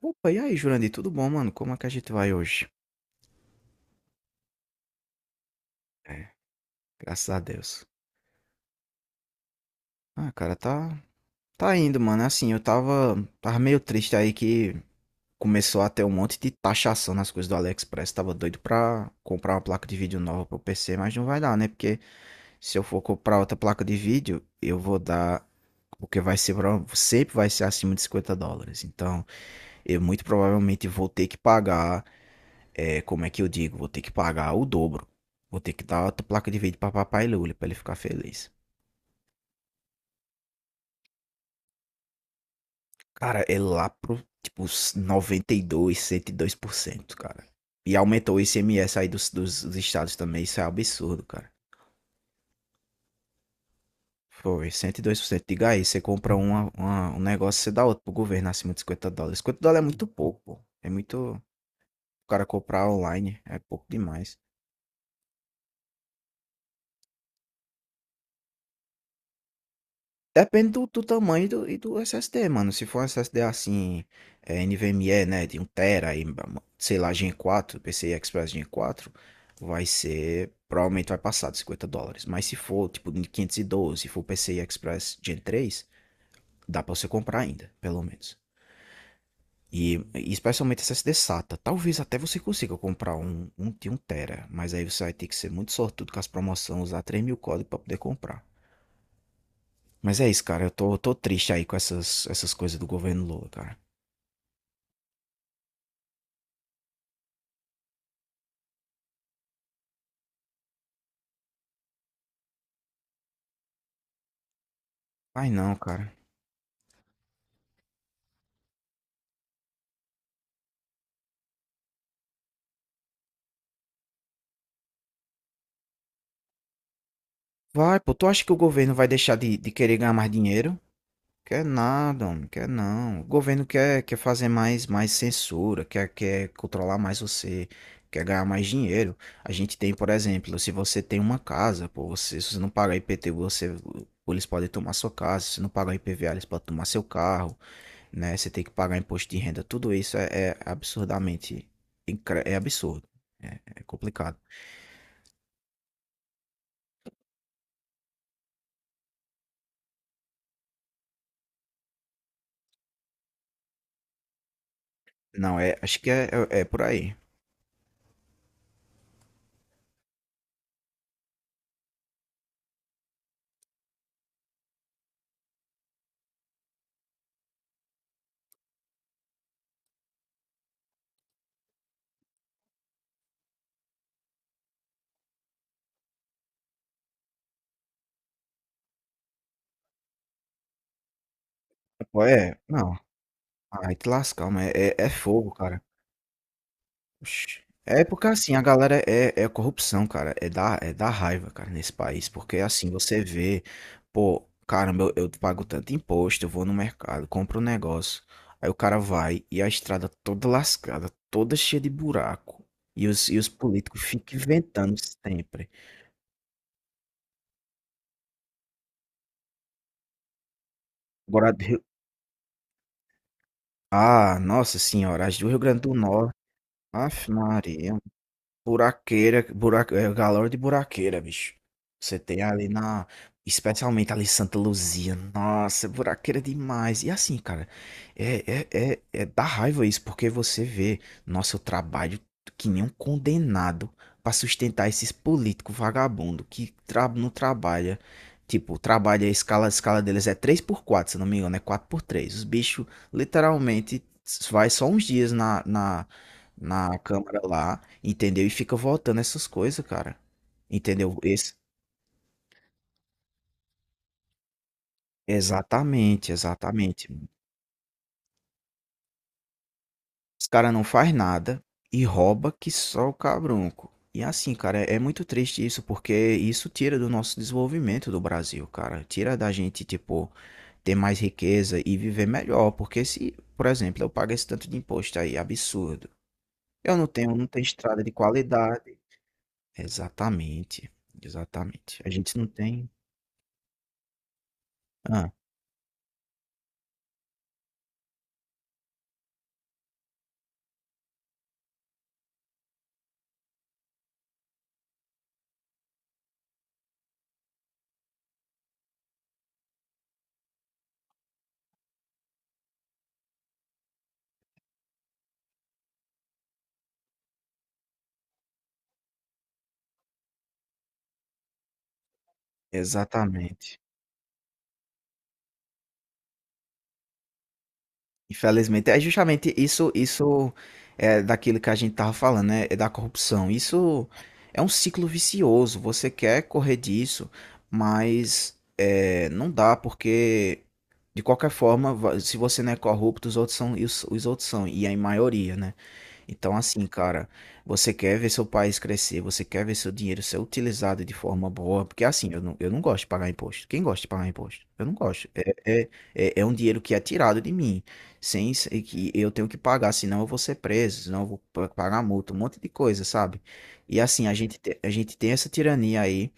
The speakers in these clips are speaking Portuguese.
Opa, e aí, Jurandir, tudo bom, mano? Como é que a gente vai hoje? É, graças a Deus. Ah, cara, tá indo, mano. Assim, eu tava meio triste aí que começou a ter um monte de taxação nas coisas do AliExpress. Tava doido pra comprar uma placa de vídeo nova pro PC, mas não vai dar, né? Porque se eu for comprar outra placa de vídeo, eu vou dar, porque vai ser, sempre vai ser acima de US$ 50. Então, eu muito provavelmente vou ter que pagar. Como é que eu digo? Vou ter que pagar o dobro. Vou ter que dar outra placa de vídeo pra papai Lula pra ele ficar feliz. Cara, é lá pro, tipo, noventa e dois cento e dois por cento, cara. E aumentou o ICMS aí dos estados também, isso é um absurdo, cara. Foi, cento e dois por cento. Diga aí, você compra uma, um negócio, você dá outro pro governo acima de US$ 50. 50 dólares é muito pouco, pô. É muito. O cara comprar online é pouco demais. Depende do tamanho do, e do SSD, mano. Se for um SSD assim, NVMe, né, de um tera, e, sei lá, Gen 4, PCI Express Gen 4, vai ser, provavelmente vai passar de US$ 50. Mas se for, tipo, de 512, se for PCI Express Gen 3, dá pra você comprar ainda, pelo menos. E especialmente SSD SATA. Talvez até você consiga comprar um, um de um tera, mas aí você vai ter que ser muito sortudo com as promoções, usar 3.000 códigos pra poder comprar. Mas é isso, cara. Eu tô triste aí com essas coisas do governo Lula, cara. Vai não, cara. Vai, pô. Tu acha que o governo vai deixar de querer ganhar mais dinheiro? Quer nada, homem. Quer não. O governo quer, quer fazer mais, mais censura, quer, quer controlar mais você, quer ganhar mais dinheiro. A gente tem, por exemplo, se você tem uma casa, pô, você, se você não pagar IPTU, você, eles podem tomar sua casa. Se você não pagar IPVA, eles podem tomar seu carro, né? Você tem que pagar imposto de renda, tudo isso é absurdamente é absurdo, é complicado. Não, acho que é por aí. Pô, é, não, aí te lascar, mas é fogo, cara. Oxi. É porque assim, a galera é corrupção, cara. É da raiva, cara, nesse país. Porque assim, você vê, pô, caramba, eu pago tanto imposto, eu vou no mercado, compro um negócio. Aí o cara vai e a estrada toda lascada, toda cheia de buraco. E os políticos ficam inventando sempre. Agora, ah, nossa senhora, as do Rio Grande do Norte. Aff, Maria. Buraqueira, galera de buraqueira, bicho. Você tem ali na. Especialmente ali em Santa Luzia. Nossa, buraqueira demais. E assim, cara, dá raiva isso, porque você vê, nossa, eu trabalho que nem um condenado pra sustentar esses políticos vagabundo que tra não trabalha. Tipo, trabalha a escala deles é três por quatro se não me engano, é quatro por três. Os bichos literalmente vai só uns dias na câmara lá, entendeu? E fica votando essas coisas, cara. Entendeu? Esse, exatamente, exatamente. Os cara não faz nada e rouba que só o cabrunco. E assim, cara, é muito triste isso, porque isso tira do nosso desenvolvimento do Brasil, cara. Tira da gente, tipo, ter mais riqueza e viver melhor. Porque se, por exemplo, eu pago esse tanto de imposto aí, absurdo. Eu não tenho estrada de qualidade. Exatamente, exatamente. A gente não tem. Ah. Exatamente. Infelizmente, é justamente isso é daquilo que a gente estava falando, né, é da corrupção. Isso é um ciclo vicioso, você quer correr disso, mas, não dá porque, de qualquer forma, va se você não é corrupto, os outros são e os outros são, e é em maioria, né. Então, assim, cara, você quer ver seu país crescer, você quer ver seu dinheiro ser utilizado de forma boa, porque assim, eu não gosto de pagar imposto. Quem gosta de pagar imposto? Eu não gosto. É, é um dinheiro que é tirado de mim, sem ser que eu tenho que pagar, senão eu vou ser preso, senão eu vou pagar multa, um monte de coisa, sabe? E assim, a gente tem essa tirania aí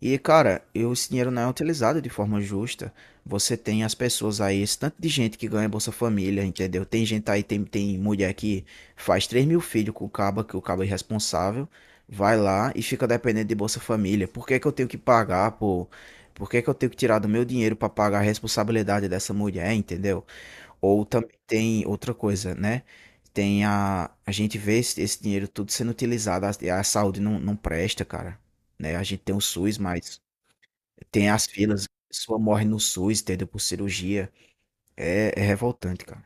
e, cara, esse dinheiro não é utilizado de forma justa. Você tem as pessoas aí, esse tanto de gente que ganha Bolsa Família, entendeu? Tem gente aí, tem mulher que faz 3.000 filhos com o caba, que o caba é irresponsável, vai lá e fica dependendo de Bolsa Família. Por que que eu tenho que pagar, pô? Por que que eu tenho que tirar do meu dinheiro pra pagar a responsabilidade dessa mulher, entendeu? Ou também tem outra coisa, né? Tem a... A gente vê esse dinheiro tudo sendo utilizado, a saúde não presta, cara, né? A gente tem o SUS, mas tem as filas, a pessoa morre no SUS, entendeu? Por cirurgia. É revoltante, cara.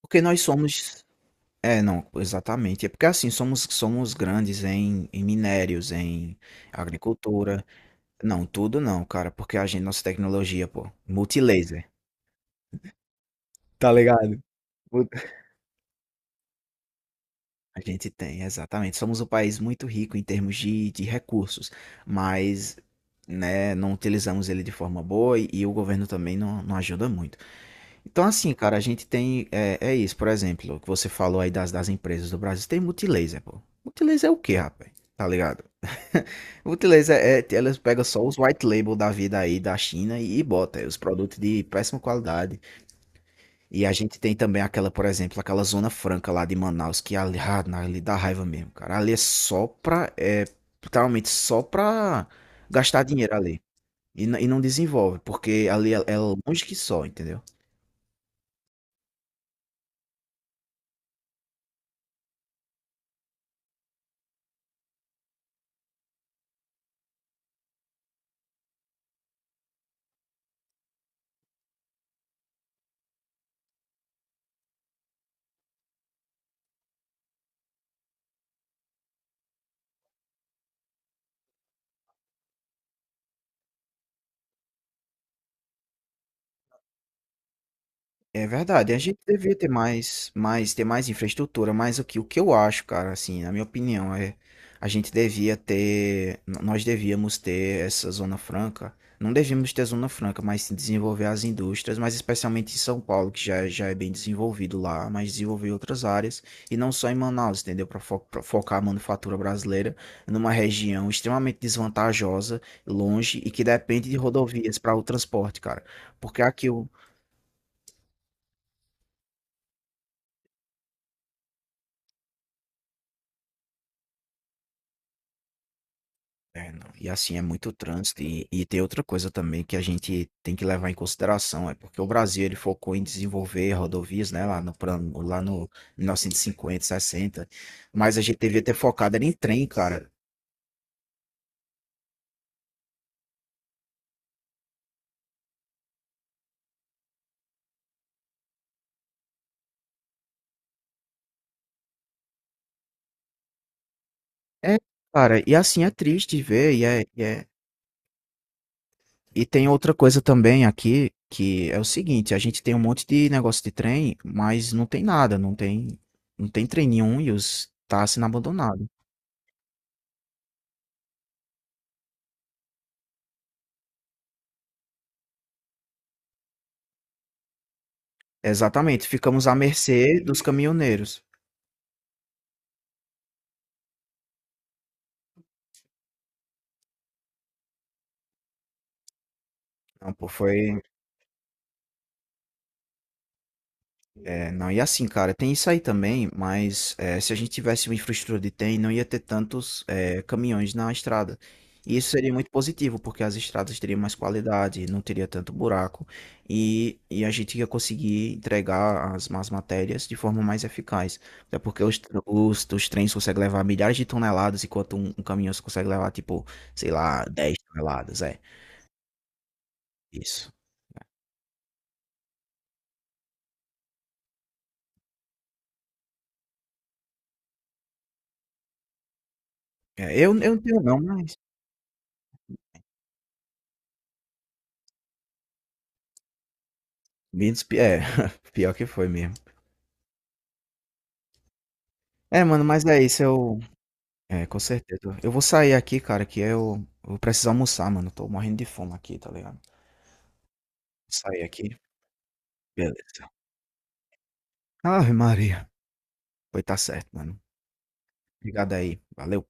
Porque nós somos. É, não, exatamente. É porque assim, somos grandes em minérios, em agricultura. Não, tudo não, cara. Porque a gente, nossa tecnologia, pô, multilaser. Tá ligado? Mu- A gente tem, exatamente. Somos um país muito rico em termos de recursos, mas né, não utilizamos ele de forma boa e o governo também não ajuda muito. Então, assim, cara, a gente tem. É isso, por exemplo, o que você falou aí das empresas do Brasil. Tem multilaser, pô. Multilaser é o quê, rapaz? Tá ligado? Multilaser é. Elas pegam só os white label da vida aí da China e bota os produtos de péssima qualidade. E a gente tem também aquela, por exemplo, aquela Zona Franca lá de Manaus, que ali, ah, ali dá raiva mesmo, cara. Ali é só pra. É, literalmente só pra gastar dinheiro ali. E não desenvolve, porque ali é longe que só, entendeu? É verdade, a gente devia ter mais, ter mais infraestrutura, mas o que eu acho, cara, assim, na minha opinião, é a gente devia ter, nós devíamos ter essa zona franca, não devíamos ter zona franca, mas sim desenvolver as indústrias, mas especialmente em São Paulo, que já, já é bem desenvolvido lá, mas desenvolver outras áreas, e não só em Manaus, entendeu? Para focar a manufatura brasileira numa região extremamente desvantajosa, longe, e que depende de rodovias para o transporte, cara, porque aqui o. É, não. E assim, é muito trânsito. E tem outra coisa também que a gente tem que levar em consideração, é porque o Brasil ele focou em desenvolver rodovias, né, lá no plano, lá no 1950, 60, mas a gente devia ter focado era em trem, cara. É, cara, e assim é triste ver, e é... E tem outra coisa também aqui, que é o seguinte, a gente tem um monte de negócio de trem, mas não tem nada, não tem, não tem trem nenhum e os tá sendo abandonado. Exatamente, ficamos à mercê dos caminhoneiros. Não, pô, foi. É, não, e assim, cara, tem isso aí também, mas se a gente tivesse uma infraestrutura de trem, não ia ter tantos caminhões na estrada. E isso seria muito positivo, porque as estradas teriam mais qualidade, não teria tanto buraco, e a gente ia conseguir entregar as más matérias de forma mais eficaz. Até porque os trens conseguem levar milhares de toneladas, enquanto um caminhão só consegue levar, tipo, sei lá, 10 toneladas, é, isso. É, eu não tenho não, mas. É, pior que foi mesmo. É, mano, mas é isso, eu. É, com certeza. Eu vou sair aqui, cara, que eu vou precisar almoçar, mano. Tô morrendo de fome aqui, tá ligado? Vou sair aqui. Beleza. Ave Maria. Pois tá certo, mano. Obrigado aí. Valeu.